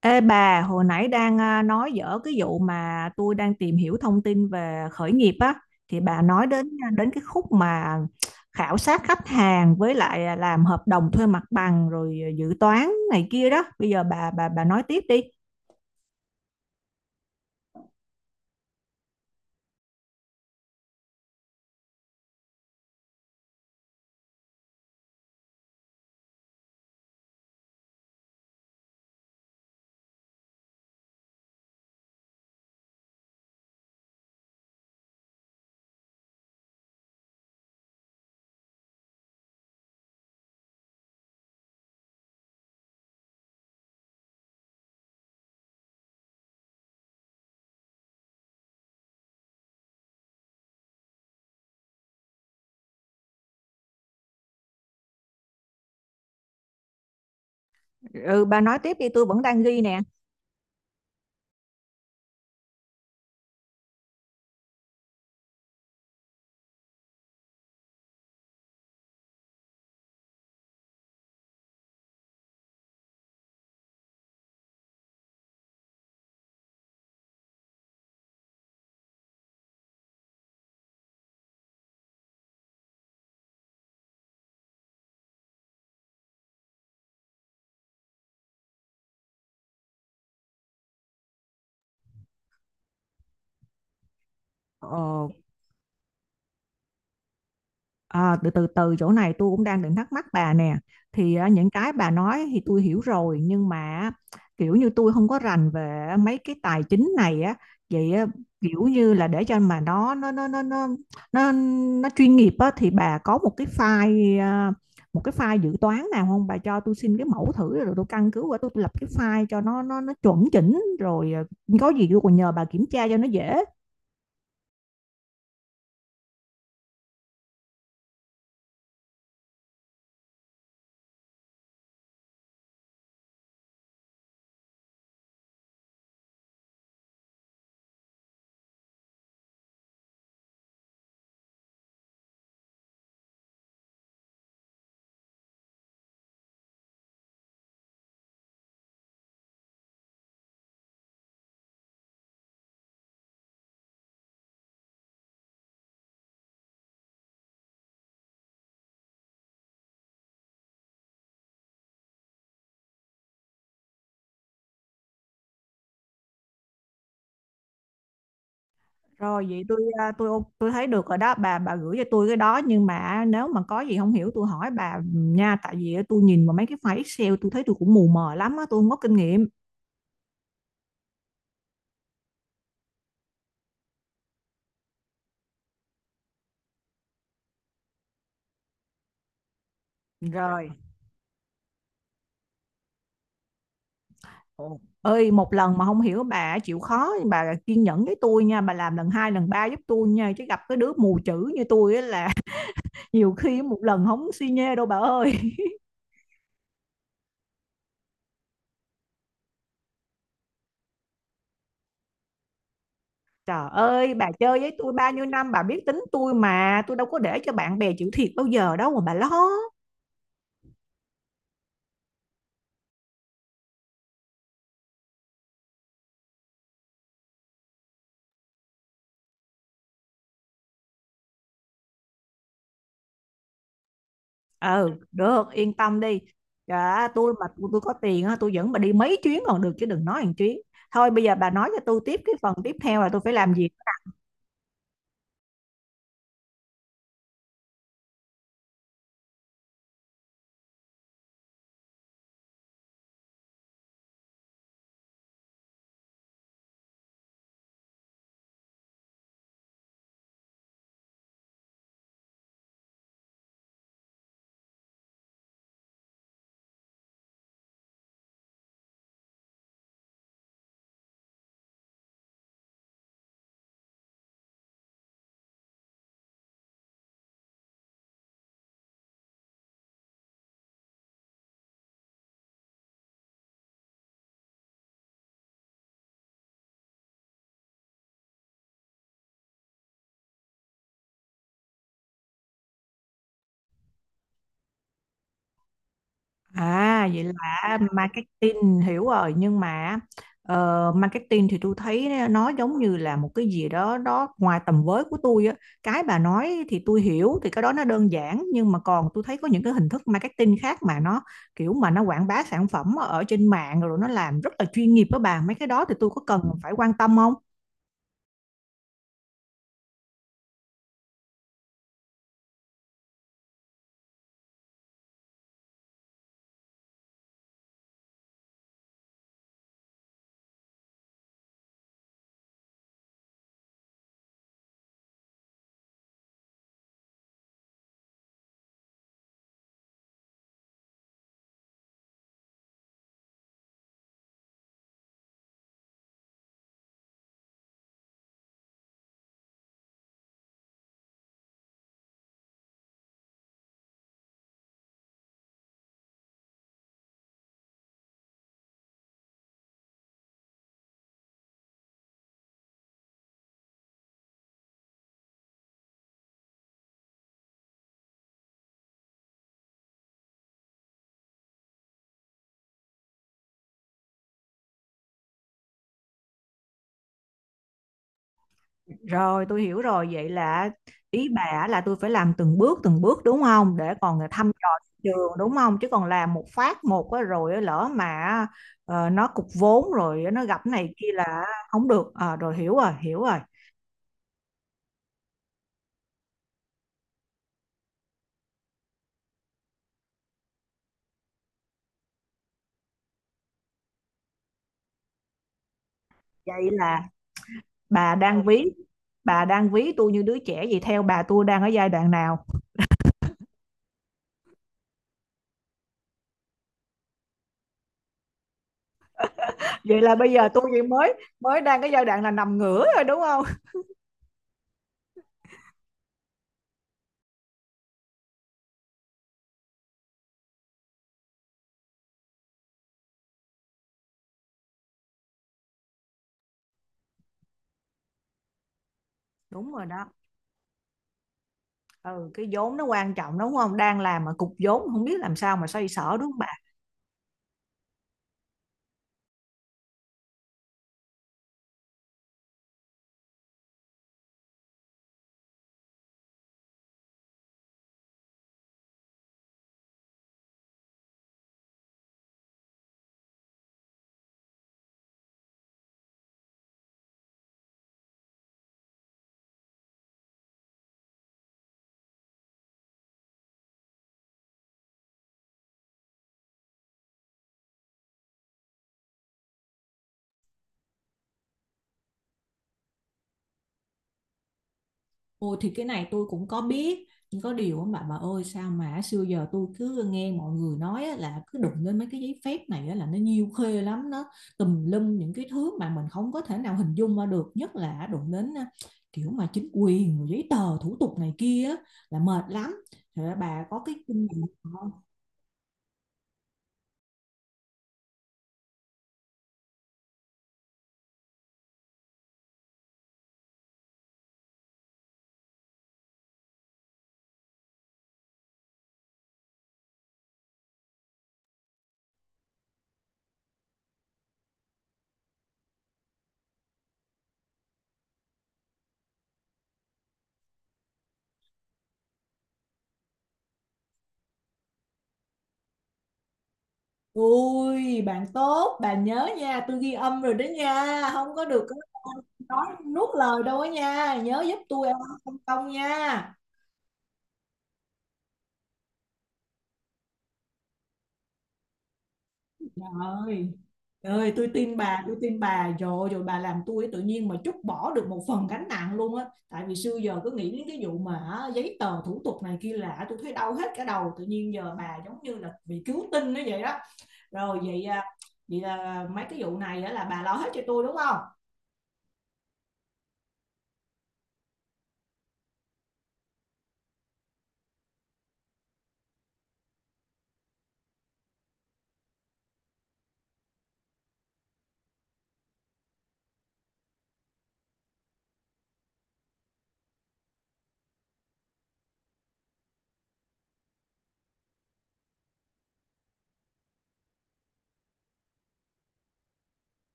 Ê bà, hồi nãy đang nói dở cái vụ mà tôi đang tìm hiểu thông tin về khởi nghiệp á, thì bà nói đến đến cái khúc mà khảo sát khách hàng với lại làm hợp đồng thuê mặt bằng rồi dự toán này kia đó. Bây giờ bà nói tiếp đi. Ừ, bà nói tiếp đi, tôi vẫn đang ghi nè. Ờ. À, từ từ từ chỗ này tôi cũng đang định thắc mắc bà nè, thì những cái bà nói thì tôi hiểu rồi nhưng mà kiểu như tôi không có rành về mấy cái tài chính này á. Vậy à, kiểu như là để cho mà nó, nó chuyên nghiệp á thì bà có một cái file một cái file dự toán nào không, bà cho tôi xin cái mẫu thử rồi tôi căn cứ qua, tôi lập cái file cho nó chuẩn chỉnh rồi có gì tôi còn nhờ bà kiểm tra cho nó dễ. Rồi, vậy tôi à, tôi ô- tôi thấy được rồi đó, bà gửi cho tôi cái đó, nhưng mà nếu mà có gì không hiểu tôi hỏi bà, ừ, nha, tại vì tôi nhìn vào mấy cái file Excel tôi thấy tôi cũng mù mờ lắm á, tôi không có kinh nghiệm. Rồi. Ồ. Ơi, một lần mà không hiểu bà chịu khó bà kiên nhẫn với tôi nha, bà làm lần hai lần ba giúp tôi nha, chứ gặp cái đứa mù chữ như tôi á là nhiều khi một lần không suy nhê đâu bà ơi. Trời ơi, bà chơi với tôi bao nhiêu năm bà biết tính tôi mà, tôi đâu có để cho bạn bè chịu thiệt bao giờ đâu mà bà lo. Ừ, được, yên tâm đi. Dạ, tôi mà tôi có tiền á, tôi dẫn bà đi mấy chuyến còn được chứ đừng nói hàng chuyến. Thôi bây giờ bà nói cho tôi tiếp, cái phần tiếp theo là tôi phải làm gì. À, vậy là marketing hiểu rồi, nhưng mà marketing thì tôi thấy nó giống như là một cái gì đó đó ngoài tầm với của tôi á. Cái bà nói thì tôi hiểu, thì cái đó nó đơn giản, nhưng mà còn tôi thấy có những cái hình thức marketing khác mà nó kiểu mà nó quảng bá sản phẩm ở trên mạng rồi nó làm rất là chuyên nghiệp đó bà. Mấy cái đó thì tôi có cần phải quan tâm không? Rồi, tôi hiểu rồi. Vậy là ý bà là tôi phải làm từng bước đúng không, để còn thăm dò thị trường đúng không, chứ còn làm một phát một á, rồi á, lỡ mà nó cục vốn rồi nó gặp cái này kia là không được. Ờ, rồi hiểu rồi hiểu rồi. Vậy là bà đang ví bà đang ví tôi như đứa trẻ vậy, theo bà tôi đang ở giai đoạn nào? Vậy là bây giờ tôi chỉ mới mới đang cái giai đoạn là nằm ngửa rồi đúng không? Đúng rồi đó. Ừ, cái vốn nó quan trọng đúng không, đang làm mà cục vốn không biết làm sao mà xoay sở đúng không bà? Ôi thì cái này tôi cũng có biết, nhưng có điều á, bà ơi, sao mà xưa giờ tôi cứ nghe mọi người nói á, là cứ đụng lên mấy cái giấy phép này á, là nó nhiêu khê lắm, nó tùm lum những cái thứ mà mình không có thể nào hình dung ra được, nhất là đụng đến kiểu mà chính quyền rồi giấy tờ thủ tục này kia á, là mệt lắm. Thì bà có cái kinh nghiệm không? Ôi bạn tốt, bà nhớ nha, tôi ghi âm rồi đó nha, không có được có nói nuốt lời đâu á nha, nhớ giúp tôi ăn không công nha. Trời ơi, trời ơi, tôi tin bà rồi, rồi bà làm tôi tự nhiên mà trút bỏ được một phần gánh nặng luôn á. Tại vì xưa giờ cứ nghĩ đến cái vụ mà á, giấy tờ thủ tục này kia lạ, tôi thấy đau hết cả đầu. Tự nhiên giờ bà giống như là bị cứu tinh nó vậy đó. Rồi, vậy à, vậy là mấy cái vụ này á là bà lo hết cho tôi đúng không?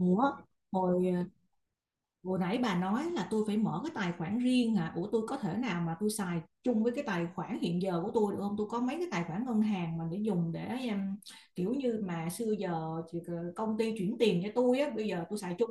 Ủa, hồi à, Hồi nãy bà nói là tôi phải mở cái tài khoản riêng hả? Ủa, tôi có thể nào mà tôi xài chung với cái tài khoản hiện giờ của tôi được không? Tôi có mấy cái tài khoản ngân hàng mà để dùng để em, kiểu như mà xưa giờ thì công ty chuyển tiền cho tôi á, bây giờ tôi xài chung.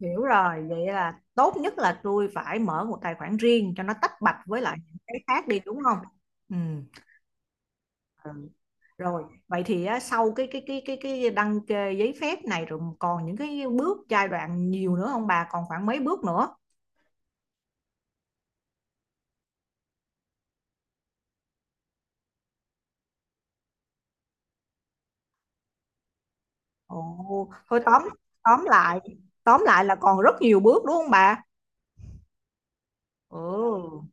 Hiểu rồi, vậy là tốt nhất là tôi phải mở một tài khoản riêng cho nó tách bạch với lại những cái khác đi đúng không? Ừ. Ừ. Rồi, vậy thì á, sau cái đăng kê giấy phép này rồi còn những cái bước giai đoạn nhiều nữa không bà? Còn khoảng mấy bước nữa? Ồ, thôi tóm tóm lại tóm lại là còn rất nhiều bước đúng không bà? Ừ.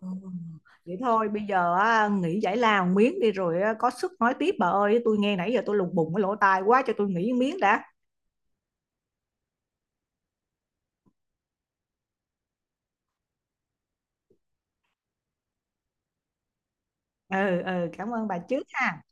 Ừ. Vậy thôi bây giờ á, nghỉ giải lao miếng đi rồi á, có sức nói tiếp, bà ơi tôi nghe nãy giờ tôi lùng bùng cái lỗ tai quá, cho tôi nghỉ miếng đã. Ừ, ừ, cảm ơn bà trước ha.